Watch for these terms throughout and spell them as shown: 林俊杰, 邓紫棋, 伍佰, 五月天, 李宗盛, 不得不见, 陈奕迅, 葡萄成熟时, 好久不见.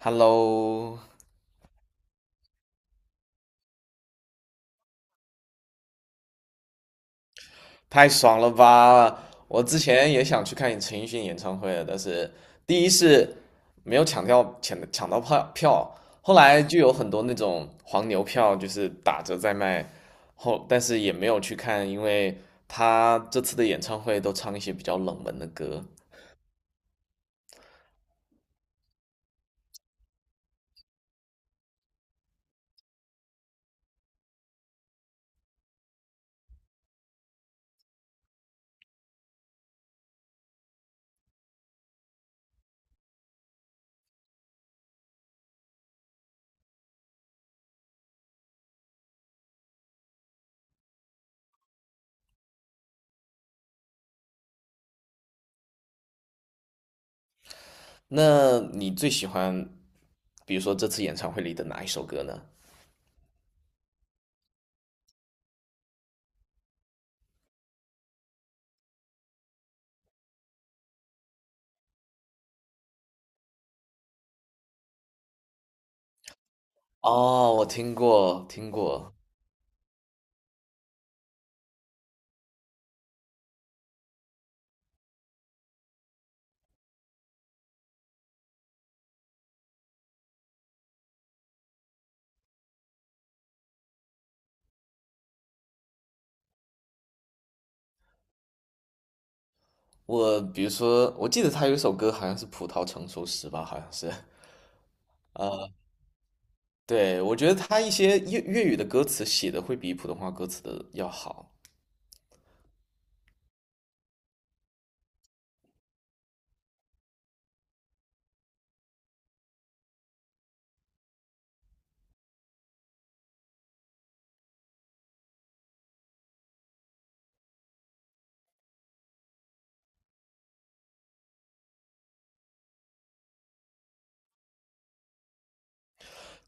Hello，太爽了吧！我之前也想去看陈奕迅演唱会的，但是第一是没有抢掉抢抢到票票，后来就有很多那种黄牛票就是打折在卖，但是也没有去看，因为他这次的演唱会都唱一些比较冷门的歌。那你最喜欢，比如说这次演唱会里的哪一首歌呢？哦，我听过，听过。我比如说，我记得他有一首歌好像是《葡萄成熟时》吧，好像是。呃，对，我觉得他一些粤语的歌词写的会比普通话歌词的要好。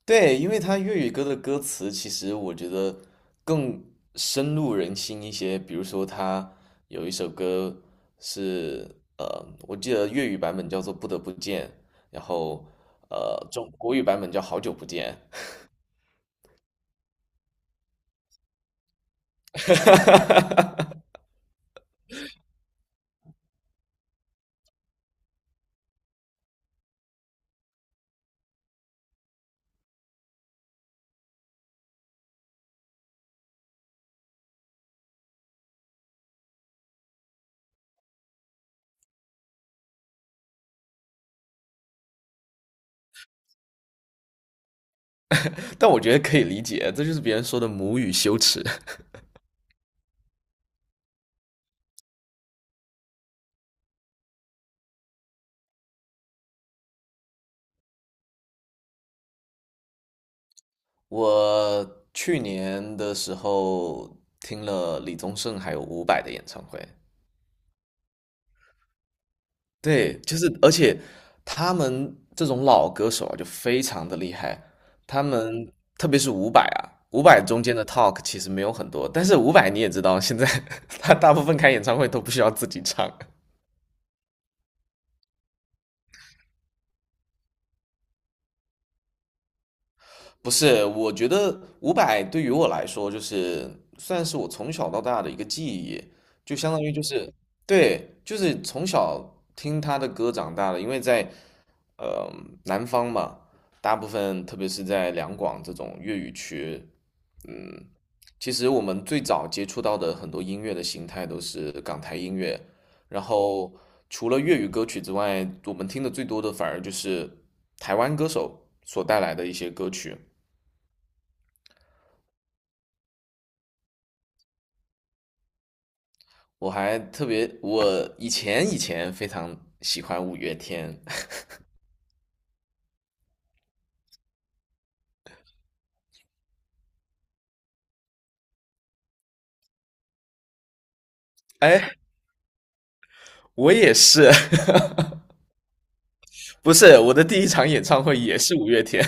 对，因为他粤语歌的歌词其实我觉得更深入人心一些。比如说，他有一首歌是我记得粤语版本叫做《不得不见》，然后中国语版本叫《好久不见》，但我觉得可以理解，这就是别人说的母语羞耻。我去年的时候听了李宗盛还有伍佰的演唱会，对，就是而且他们这种老歌手啊，就非常的厉害。他们特别是伍佰啊，伍佰中间的 talk 其实没有很多，但是伍佰你也知道，现在 他大部分开演唱会都不需要自己唱。不是，我觉得伍佰对于我来说，就是算是我从小到大的一个记忆，就相当于就是，对，就是从小听他的歌长大的，因为在呃南方嘛，大部分特别是在两广这种粤语区，嗯，其实我们最早接触到的很多音乐的形态都是港台音乐，然后除了粤语歌曲之外，我们听的最多的反而就是台湾歌手所带来的一些歌曲。我还特别，我以前非常喜欢五月天，哎，我也是，不是我的第一场演唱会也是五月天，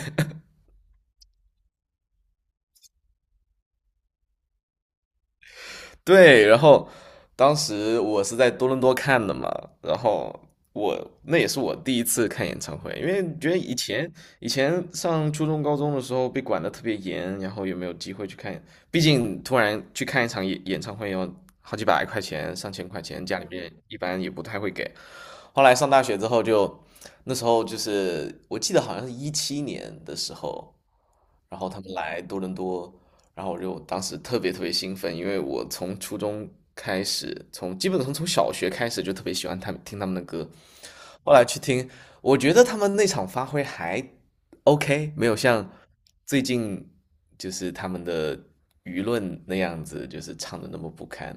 对，然后当时我是在多伦多看的嘛，然后我那也是我第一次看演唱会，因为觉得以前上初中高中的时候被管的特别严，然后也没有机会去看，毕竟突然去看一场演唱会要好几百块钱、上千块钱，家里面一般也不太会给。后来上大学之后就，那时候就是我记得好像是17年的时候，然后他们来多伦多，然后我就当时特别特别兴奋，因为我从初中开始，从基本上从小学开始就特别喜欢他们听他们的歌，后来去听，我觉得他们那场发挥还 OK，没有像最近就是他们的舆论那样子，就是唱的那么不堪。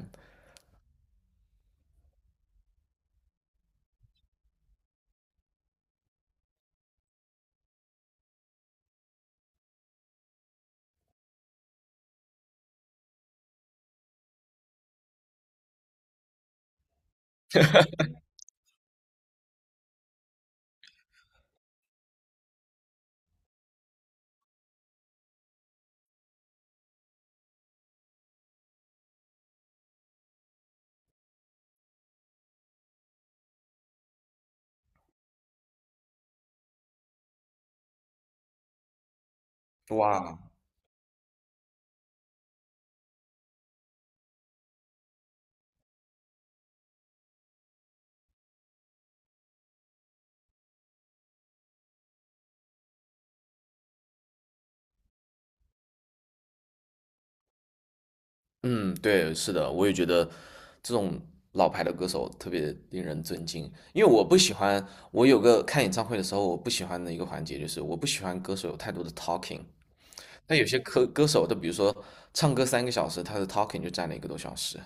哇，嗯，对，是的，我也觉得这种老牌的歌手特别令人尊敬，因为我不喜欢，我有个看演唱会的时候，我不喜欢的一个环节就是我不喜欢歌手有太多的 talking，但有些歌手，他比如说唱歌3个小时，他的 talking 就占了1个多小时。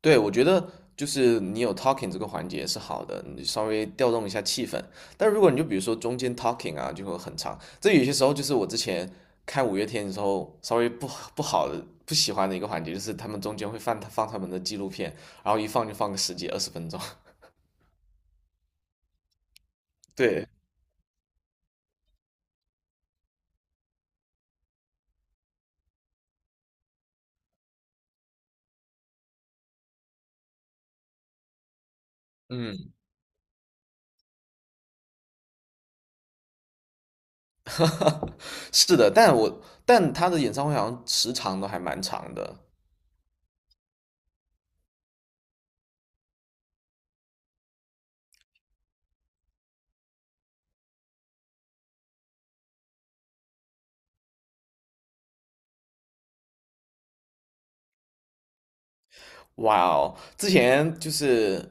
对，我觉得就是你有 talking 这个环节是好的，你稍微调动一下气氛。但如果你就比如说中间 talking 啊，就会很长。这有些时候就是我之前看五月天的时候，稍微不好的、不喜欢的一个环节，就是他们中间会放他们的纪录片，然后一放就放个十几二十分钟。对，嗯，是的，但他的演唱会好像时长都还蛮长的，哇哦！之前就是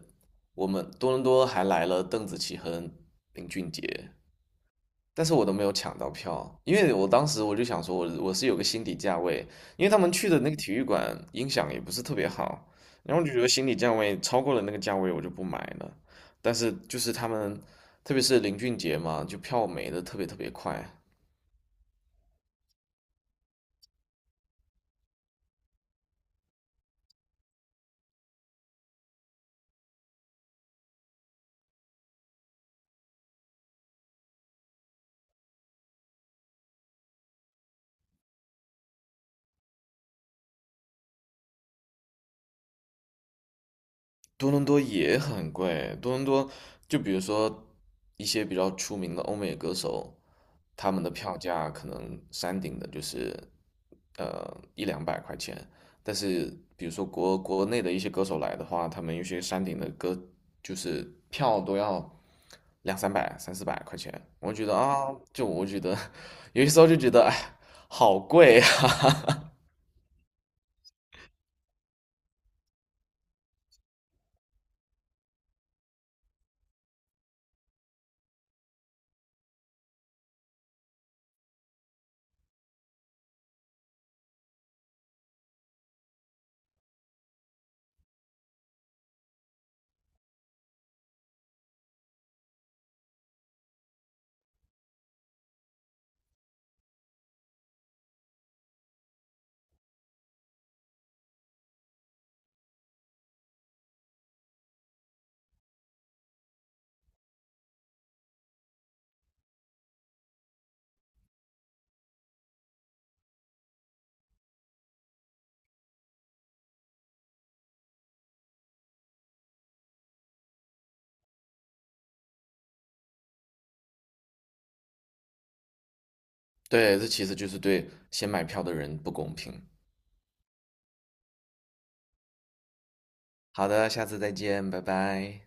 我们多伦多还来了邓紫棋和林俊杰，但是我都没有抢到票，因为我当时我就想说我，我是有个心理价位，因为他们去的那个体育馆音响也不是特别好，然后我就觉得心理价位超过了那个价位，我就不买了。但是就是他们，特别是林俊杰嘛，就票没的特别特别快，多伦多也很贵，多伦多就比如说一些比较出名的欧美歌手，他们的票价可能山顶的就是一两百块钱，但是比如说国内的一些歌手来的话，他们有些山顶的歌就是票都要两三百、三四百块钱，我觉得啊，就我觉得 有些时候就觉得哎，好贵啊，对，这其实就是对先买票的人不公平。好的，下次再见，拜拜。